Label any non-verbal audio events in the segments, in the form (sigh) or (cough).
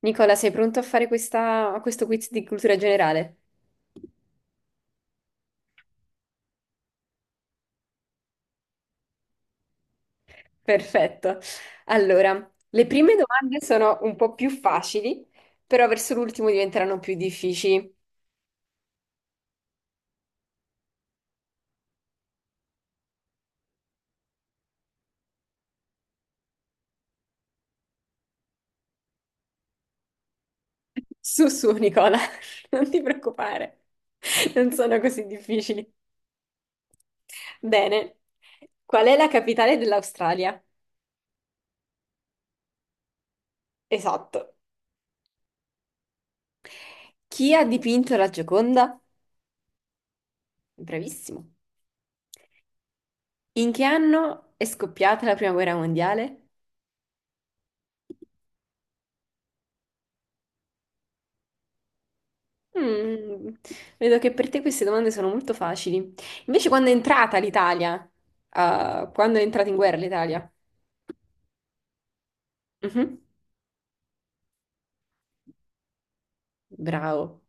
Nicola, sei pronto a fare questo quiz di cultura generale? Perfetto. Allora, le prime domande sono un po' più facili, però verso l'ultimo diventeranno più difficili. (laughs) Su, su, Nicola, (laughs) non ti preoccupare, non sono così difficili. Bene, qual è la capitale dell'Australia? Esatto. Chi ha dipinto la Gioconda? Bravissimo. In che anno è scoppiata la Prima Guerra Mondiale? Mm, vedo che per te queste domande sono molto facili. Invece, quando è entrata l'Italia? Ah, quando è entrata in guerra l'Italia? Mhm. Bravo.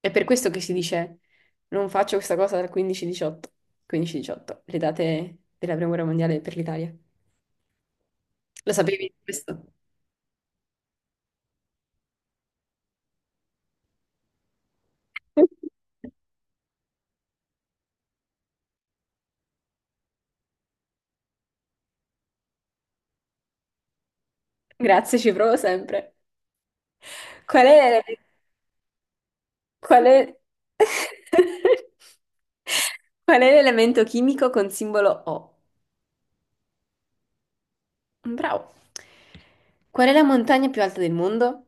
È per questo che si dice non faccio questa cosa dal 15-18. 15-18, le date della Prima Guerra Mondiale per l'Italia. Lo sapevi questo? (laughs) Grazie, ci provo sempre. Qual è, qual è... (laughs) Qual è l'elemento chimico con simbolo O? Bravo. Qual è la montagna più alta del mondo?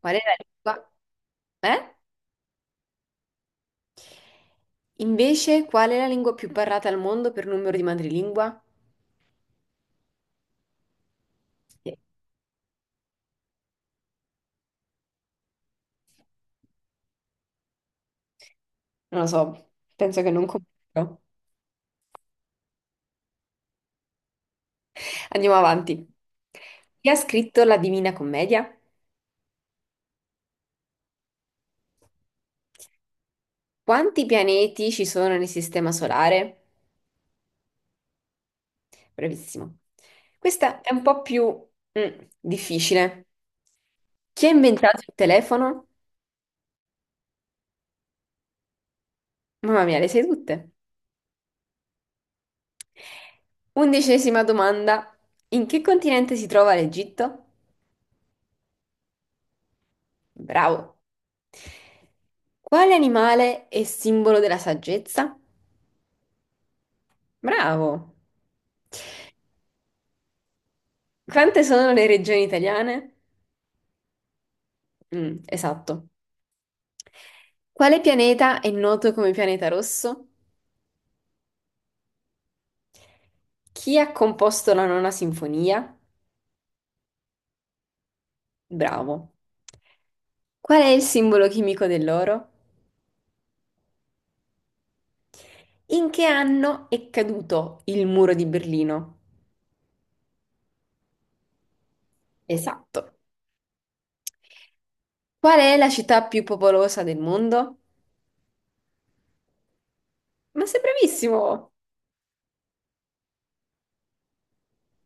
Qual è la lingua? Eh? Invece, qual è la lingua più parlata al mondo per numero di madrelingua? Eh, Non lo so, penso che non comprendo. Andiamo avanti. Chi ha scritto la Divina Commedia? Quanti pianeti ci sono nel Sistema Solare? Bravissimo. Questa è un po' più difficile. Chi ha inventato il telefono? Mamma mia, le sai tutte. Undicesima domanda. In che continente si trova l'Egitto? Bravo. Quale animale è simbolo della saggezza? Bravo. Quante sono le regioni italiane? Mm, esatto. Quale pianeta è noto come pianeta rosso? Chi ha composto la nona sinfonia? Bravo. Qual è il simbolo chimico dell'oro? In che anno è caduto il muro di Berlino? Esatto. Qual è la città più popolosa del mondo? Ma sei bravissimo!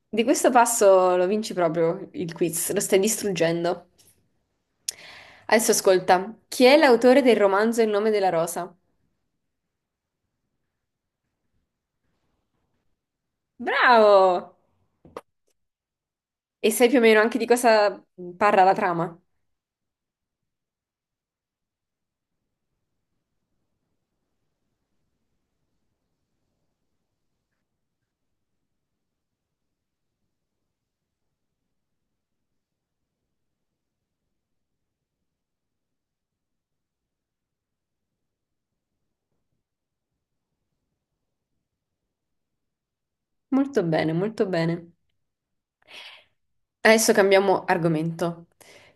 Di questo passo lo vinci proprio il quiz, lo stai distruggendo. Adesso ascolta, chi è l'autore del romanzo Il nome della rosa? Bravo! E sai più o meno anche di cosa parla la trama? Molto bene, molto bene. Adesso cambiamo argomento.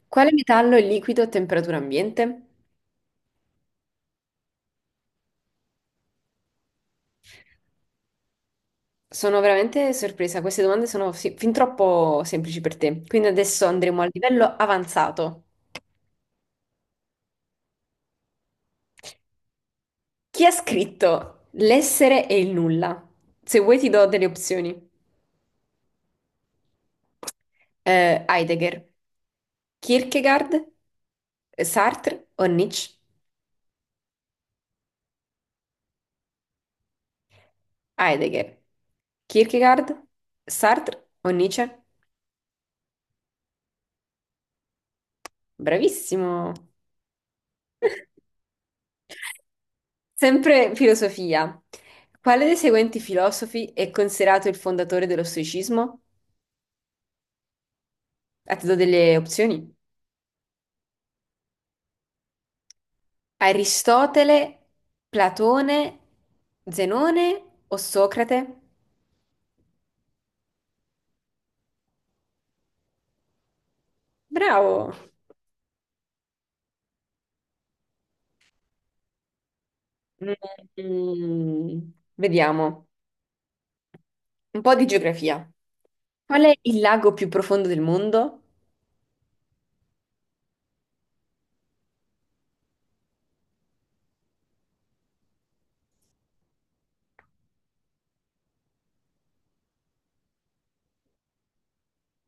Quale metallo è liquido a temperatura ambiente? Sono veramente sorpresa, queste domande sono fin troppo semplici per te. Quindi adesso andremo al livello avanzato. Chi ha scritto L'essere e il nulla? Se vuoi ti do delle opzioni. Heidegger, Kierkegaard, Sartre o Nietzsche? Heidegger, Kierkegaard, Sartre o Nietzsche? Bravissimo! Sempre filosofia. Quale dei seguenti filosofi è considerato il fondatore dello stoicismo? Ah, ti do delle opzioni. Aristotele, Platone, Zenone o Socrate? Bravo. Mm, vediamo. Un po' di geografia. Qual è il lago più profondo del mondo?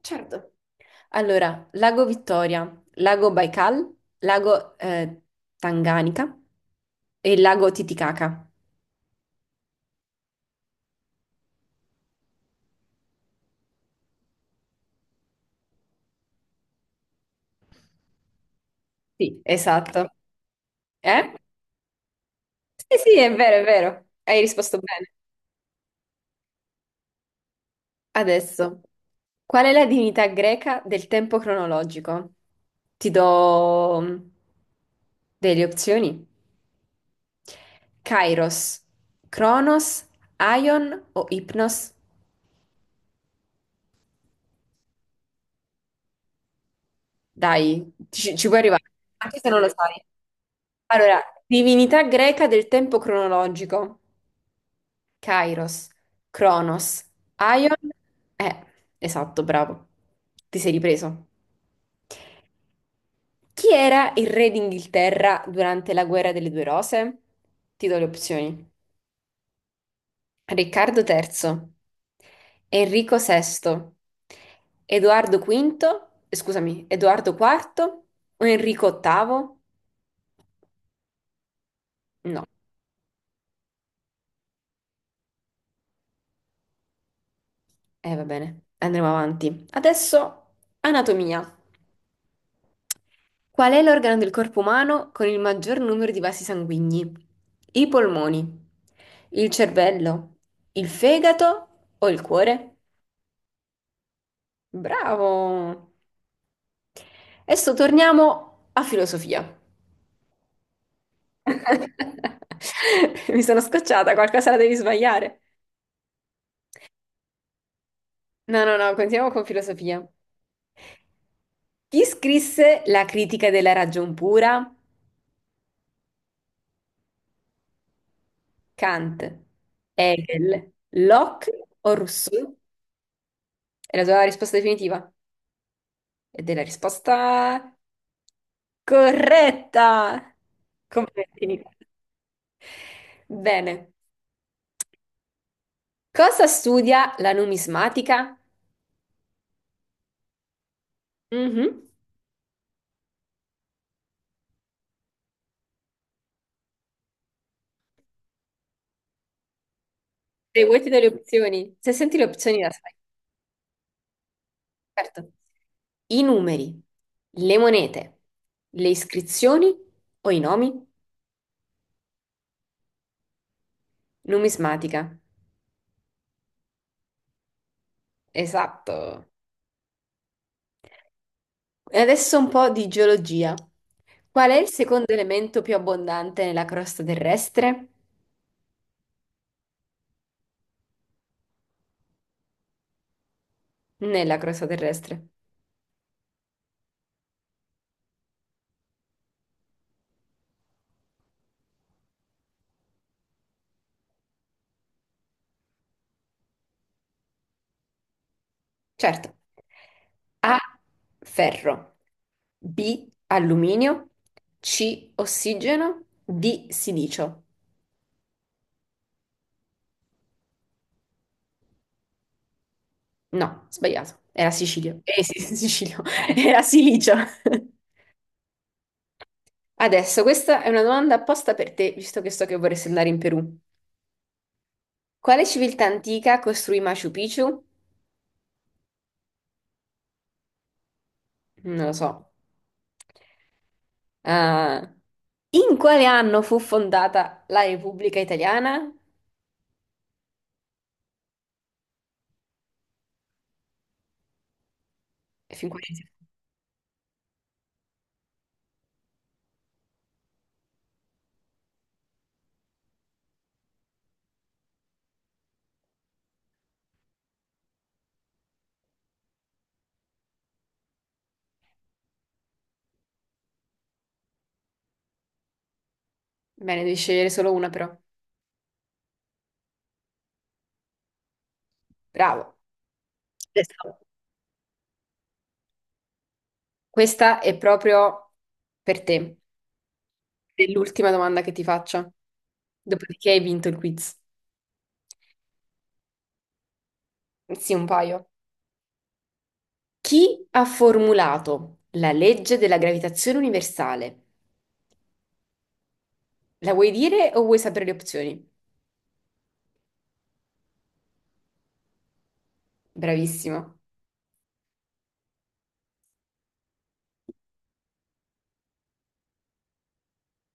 Certo. Allora, Lago Vittoria, Lago Baikal, Lago Tanganica e Lago Titicaca. Sì, esatto. Eh? Sì, sì, è vero, è vero. Hai risposto bene. Adesso, qual è la divinità greca del tempo cronologico? Ti do delle opzioni. Kairos, Cronos, Aion o Ipnos? Dai, ci puoi arrivare, anche se non lo sai. Allora, divinità greca del tempo cronologico. Kairos, Cronos, Aion. Eh, esatto, bravo. Ti sei ripreso. Chi era il re d'Inghilterra durante la guerra delle due rose? Ti do le opzioni. Riccardo III, Enrico VI, Edoardo V, scusami, Edoardo IV o Enrico VIII? No, va bene, andremo avanti. Adesso anatomia. Qual è l'organo del corpo umano con il maggior numero di vasi sanguigni? I polmoni, il cervello, il fegato o il cuore? Bravo! Adesso torniamo a filosofia. (laughs) Mi sono scocciata, qualcosa la devi sbagliare. No, no, no, continuiamo con filosofia. Chi scrisse la critica della ragion pura? Kant, Hegel, Locke o Rousseau? È la tua risposta definitiva? Ed è la risposta corretta! Complimenti, Nicola. Bene. Cosa studia la numismatica? Mhm. Se vuoi ti do le opzioni, se senti le opzioni la sai, certo. I numeri, le monete, le iscrizioni o i nomi? Numismatica. Esatto. E adesso un po' di geologia. Qual è il secondo elemento più abbondante nella crosta terrestre? Nella crosta terrestre, certo. A. Ferro. B. Alluminio. C. Ossigeno. D. Silicio. No, sbagliato. Era Sicilio. Eh sì, (laughs) sì, Sicilio. Era Silicio. Adesso, questa è una domanda apposta per te, visto che so che vorresti andare in Perù. Quale civiltà antica costruì Machu Picchu? Non lo so. Ah, in quale anno fu fondata la Repubblica Italiana? E fin qua inizia. Bene, devi scegliere solo una però. Bravo. Adesso, questa è proprio per te. È l'ultima domanda che ti faccio. Dopodiché hai vinto il quiz. Sì, un paio. Chi ha formulato la legge della gravitazione universale? La vuoi dire o vuoi sapere le opzioni? Bravissima.